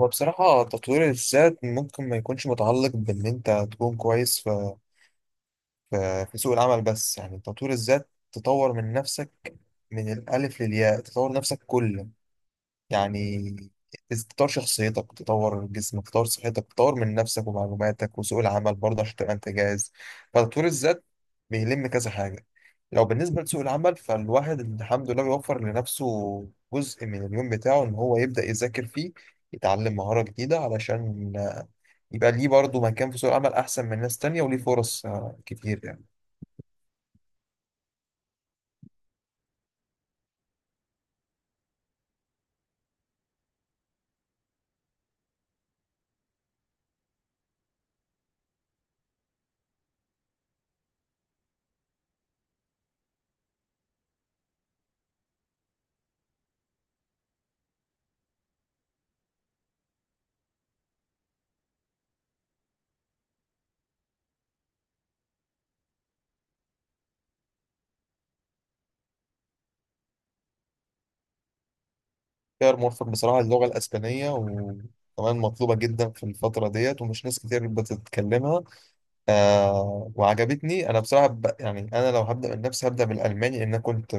هو بصراحة تطوير الذات ممكن ما يكونش متعلق بإن أنت تكون كويس في في سوق العمل، بس يعني تطوير الذات تطور من نفسك من الألف للياء، تطور نفسك كله. يعني تطور شخصيتك، تطور جسمك، تطور صحتك، تطور من نفسك ومعلوماتك وسوق العمل برضه عشان تبقى أنت جاهز. فتطوير الذات بيلم كذا حاجة. لو بالنسبة لسوق العمل فالواحد الحمد لله بيوفر لنفسه جزء من اليوم بتاعه إن هو يبدأ يذاكر فيه، يتعلم مهارة جديدة علشان يبقى ليه برضه مكان في سوق العمل أحسن من ناس تانية وليه فرص كتير يعني. خيار موفق بصراحة اللغة الأسبانية، وكمان مطلوبة جدا في الفترة ديت ومش ناس كتير بتتكلمها. آه، وعجبتني. أنا بصراحة يعني أنا لو هبدأ من نفسي هبدأ بالألماني، لأن أنا كنت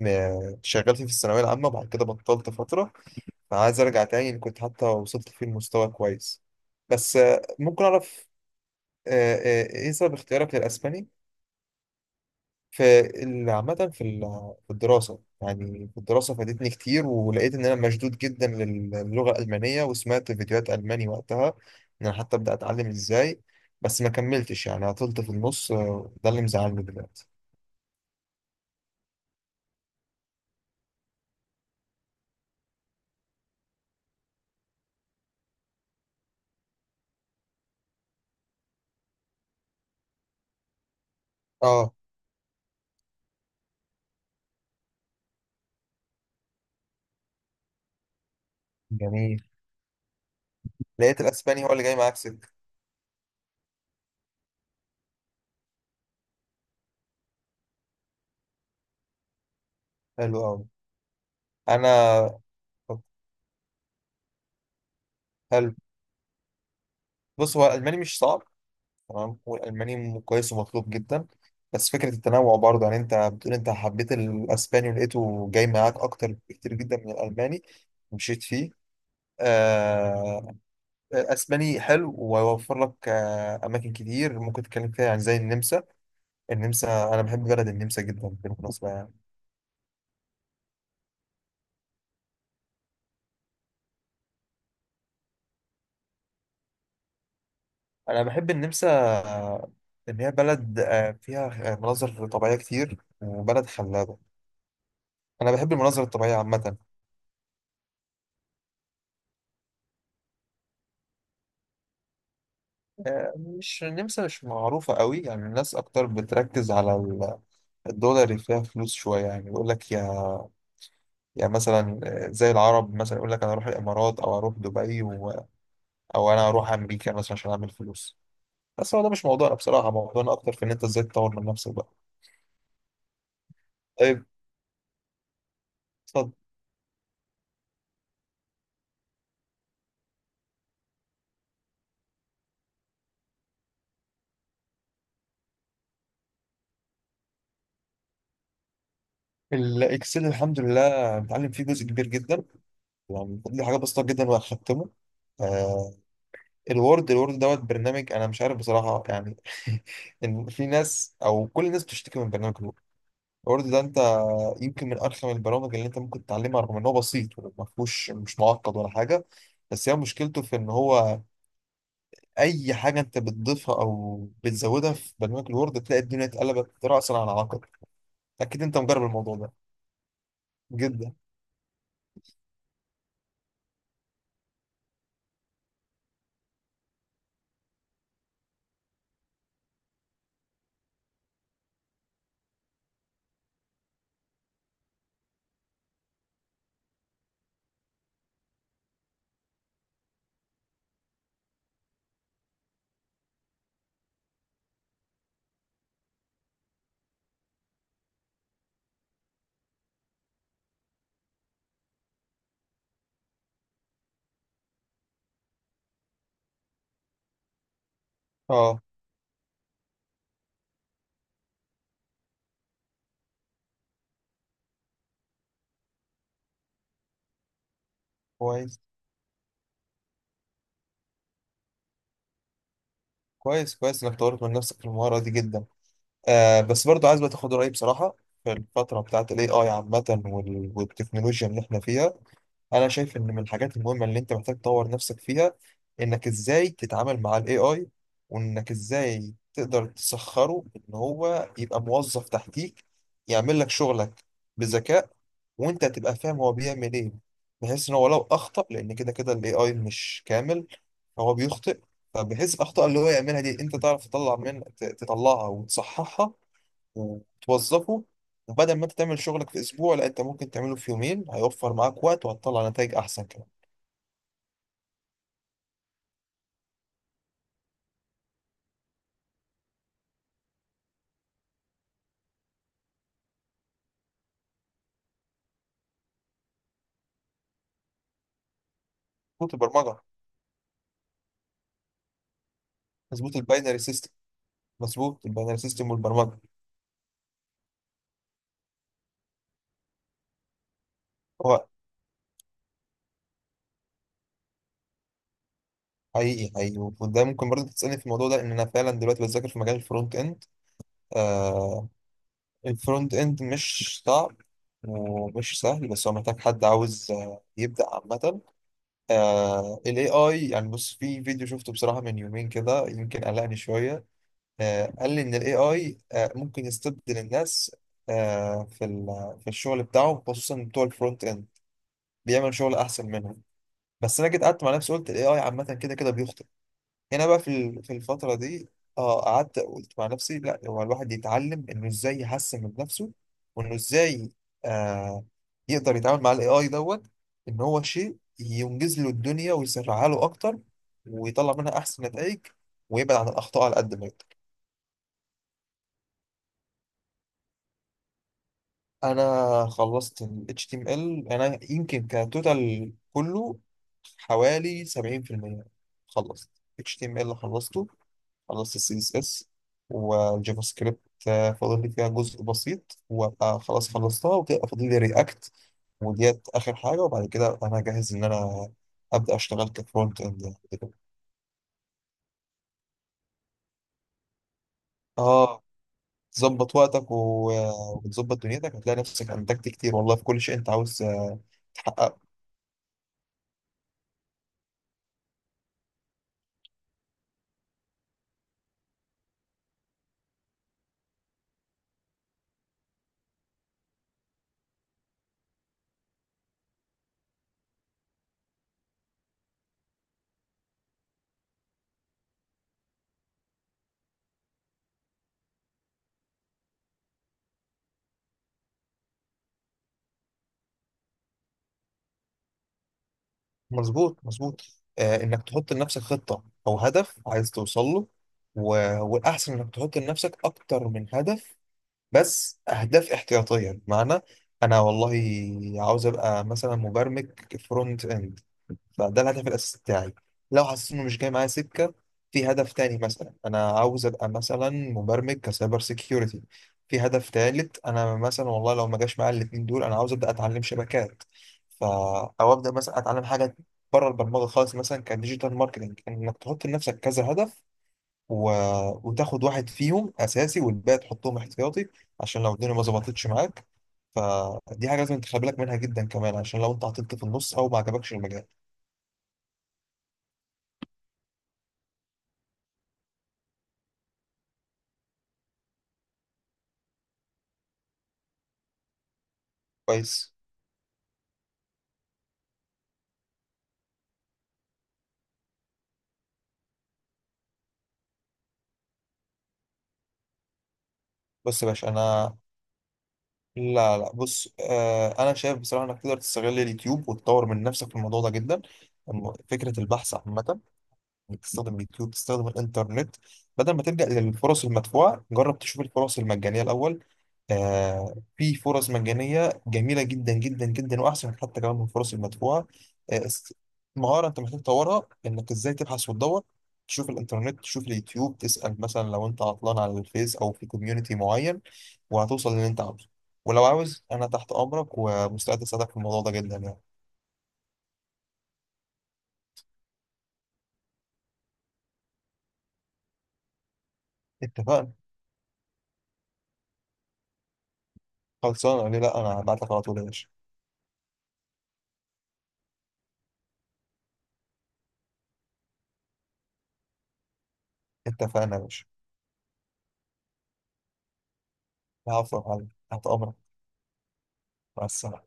شغال فيه في الثانوية العامة وبعد كده بطلت فترة، فعايز أرجع تاني إن كنت حتى وصلت فيه لمستوى كويس. بس ممكن أعرف إيه سبب اختيارك للأسباني؟ فعامة في في الدراسة، يعني في الدراسة فادتني كتير ولقيت إن أنا مشدود جدا للغة الألمانية، وسمعت فيديوهات ألماني وقتها إن أنا حتى أبدأ أتعلم إزاي. بس ما كملتش، يعني عطلت في النص. ده اللي مزعلني دلوقتي. اه، جميل. لقيت الأسباني هو اللي جاي معاك سكة. حلو أوي. أنا، طب، حلو. بص، هو الألماني مش صعب، تمام، والألماني كويس ومطلوب جدا. بس فكرة التنوع برضه، يعني أنت بتقول أنت حبيت الأسباني ولقيته جاي معاك أكتر بكتير جدا من الألماني ومشيت فيه. آه، أسباني حلو ويوفر لك أماكن كتير ممكن تتكلم فيها، يعني زي النمسا. النمسا أنا بحب بلد النمسا جدا بالمناسبة، يعني أنا بحب النمسا. آه، إن هي بلد فيها مناظر طبيعية كتير وبلد خلابة. أنا بحب المناظر الطبيعية عامة. مش النمسا مش معروفة قوي، يعني الناس أكتر بتركز على الدولار، اللي فيها فلوس شوية، يعني يقول لك يا مثلا، زي العرب مثلا يقول لك أنا أروح الإمارات أو أروح دبي أو أنا أروح أمريكا مثلا عشان أعمل فلوس. بس هو ده مش موضوعنا بصراحة، موضوعنا أكتر في إن أنت إزاي تطور من نفسك بقى. طيب اتفضل. الإكسل الحمد لله بتعلم فيه جزء كبير جدا، يعني دي حاجة بسيطة جدا وهختمه. الوورد، الوورد دوت برنامج انا مش عارف بصراحه يعني، ان في ناس او كل الناس بتشتكي من برنامج الوورد. الوورد ده انت يمكن من ارخم البرامج اللي انت ممكن تتعلمها، رغم ان هو بسيط وما فيهوش، مش معقد ولا حاجه. بس هي مشكلته في ان هو اي حاجه انت بتضيفها او بتزودها في برنامج الوورد تلاقي الدنيا اتقلبت راسا على عقب. اكيد انت مجرب الموضوع ده جدا. اه، كويس. كويس كويس انك طورت من نفسك في المهاره دي جدا. آه، بس برضو عايز بقى تاخد رأيي بصراحة. في الفترة بتاعت ال AI عامة والتكنولوجيا اللي احنا فيها، أنا شايف إن من الحاجات المهمة اللي أنت محتاج تطور نفسك فيها إنك إزاي تتعامل مع ال AI، وإنك إزاي تقدر تسخره إن هو يبقى موظف تحتيك يعمل لك شغلك بذكاء، وأنت تبقى فاهم هو بيعمل إيه. بحيث إن هو لو أخطأ، لأن كده كده ال AI مش كامل، هو بيخطئ. فبحيث الأخطاء اللي هو يعملها دي أنت تعرف تطلع من تطلعها وتصححها وتوظفه. وبدل ما انت تعمل شغلك في اسبوع، لا، انت ممكن تعمله في يومين، هيوفر معاك وقت وهتطلع نتائج احسن كمان. مظبوط البرمجه. مظبوط الباينري سيستم. مظبوط الباينري سيستم والبرمجه. هو حقيقي حقيقي، وده ممكن برضه تسالني في الموضوع ده، ان انا فعلا دلوقتي بذاكر في مجال الفرونت اند. آه، الفرونت اند مش صعب ومش سهل، بس هو محتاج حد عاوز يبدأ عامة. آه، ال AI يعني، بص، في فيديو شفته بصراحة من يومين كده يمكن قلقني شوية. قال لي ان الاي اي ممكن يستبدل الناس في في الشغل بتاعهم، خصوصا بتوع الفرونت اند، بيعمل شغل احسن منهم. بس انا جيت قعدت مع نفسي قلت الاي اي عامه كده كده بيخطئ هنا بقى في في الفتره دي. اه، قعدت قلت مع نفسي لا، هو الواحد يتعلم انه ازاي يحسن من نفسه، وانه ازاي آه، يقدر يتعامل مع الاي اي دوت ان هو شيء ينجز له الدنيا ويسرعها له اكتر ويطلع منها احسن نتائج ويبعد عن الاخطاء على قد ما يقدر. انا خلصت ال HTML. انا يمكن كتوتال كله حوالي 70% خلصت. HTML خلصته، خلصت ال CSS والجافا سكريبت. فاضل لي فيها جزء بسيط وابقى خلاص خلصتها، وتبقى فاضل لي رياكت وديت اخر حاجه، وبعد كده انا جاهز ان انا ابدا اشتغل كفرونت اند يعني. اه، تظبط وقتك وتظبط دنيتك هتلاقي نفسك انتجت كتير والله، في كل شيء انت عاوز تحققه. مظبوط مظبوط. آه، انك تحط لنفسك خطة او هدف عايز توصل له، و... والاحسن انك تحط لنفسك اكتر من هدف، بس اهداف احتياطية. بمعنى، انا والله عاوز ابقى مثلا مبرمج فرونت اند، فده الهدف الأساسي بتاعي. لو حسيت إنه مش جاي معايا سكة، في هدف تاني، مثلا أنا عاوز أبقى مثلا مبرمج كسايبر سيكيورتي. في هدف تالت، أنا مثلا والله لو ما جاش معايا الاتنين دول أنا عاوز أبدأ أتعلم شبكات. ف أو أبدأ مثلا أتعلم حاجة بره البرمجة خالص، مثلا كديجيتال ماركتنج. إنك تحط لنفسك كذا هدف و... وتاخد واحد فيهم أساسي والباقي تحطهم احتياطي، عشان لو الدنيا ما ظبطتش معاك. فدي حاجة لازم تخلي بالك منها جدا كمان، عشان لو أنت عطلت في النص أو ما عجبكش المجال. كويس. بص يا باشا انا، لا لا، بص، آه، انا شايف بصراحه انك تقدر تستغل اليوتيوب وتطور من نفسك في الموضوع ده جدا. فكره البحث عامه، بتستخدم اليوتيوب، بتستخدم الانترنت. بدل ما تلجأ للفرص المدفوعة جرب تشوف الفرص المجانية الأول. آه، في فرص مجانية جميلة جدا جدا جدا وأحسن حتى كمان من الفرص المدفوعة. آه است- مهارة أنت محتاج تطورها إنك إزاي تبحث وتدور، تشوف الإنترنت تشوف اليوتيوب، تسأل مثلا لو أنت عطلان على الفيس أو في كوميونيتي معين، وهتوصل للي أنت عاوزه. ولو عاوز، أنا تحت أمرك ومستعد أساعدك في الموضوع ده جدا يعني. اتفقنا، خلصانة ليه لأ، أنا هبعت لك على طول يا باشا. اتفقنا يا باشا. العفو يا معلم، تحت أمرك. مع السلامة.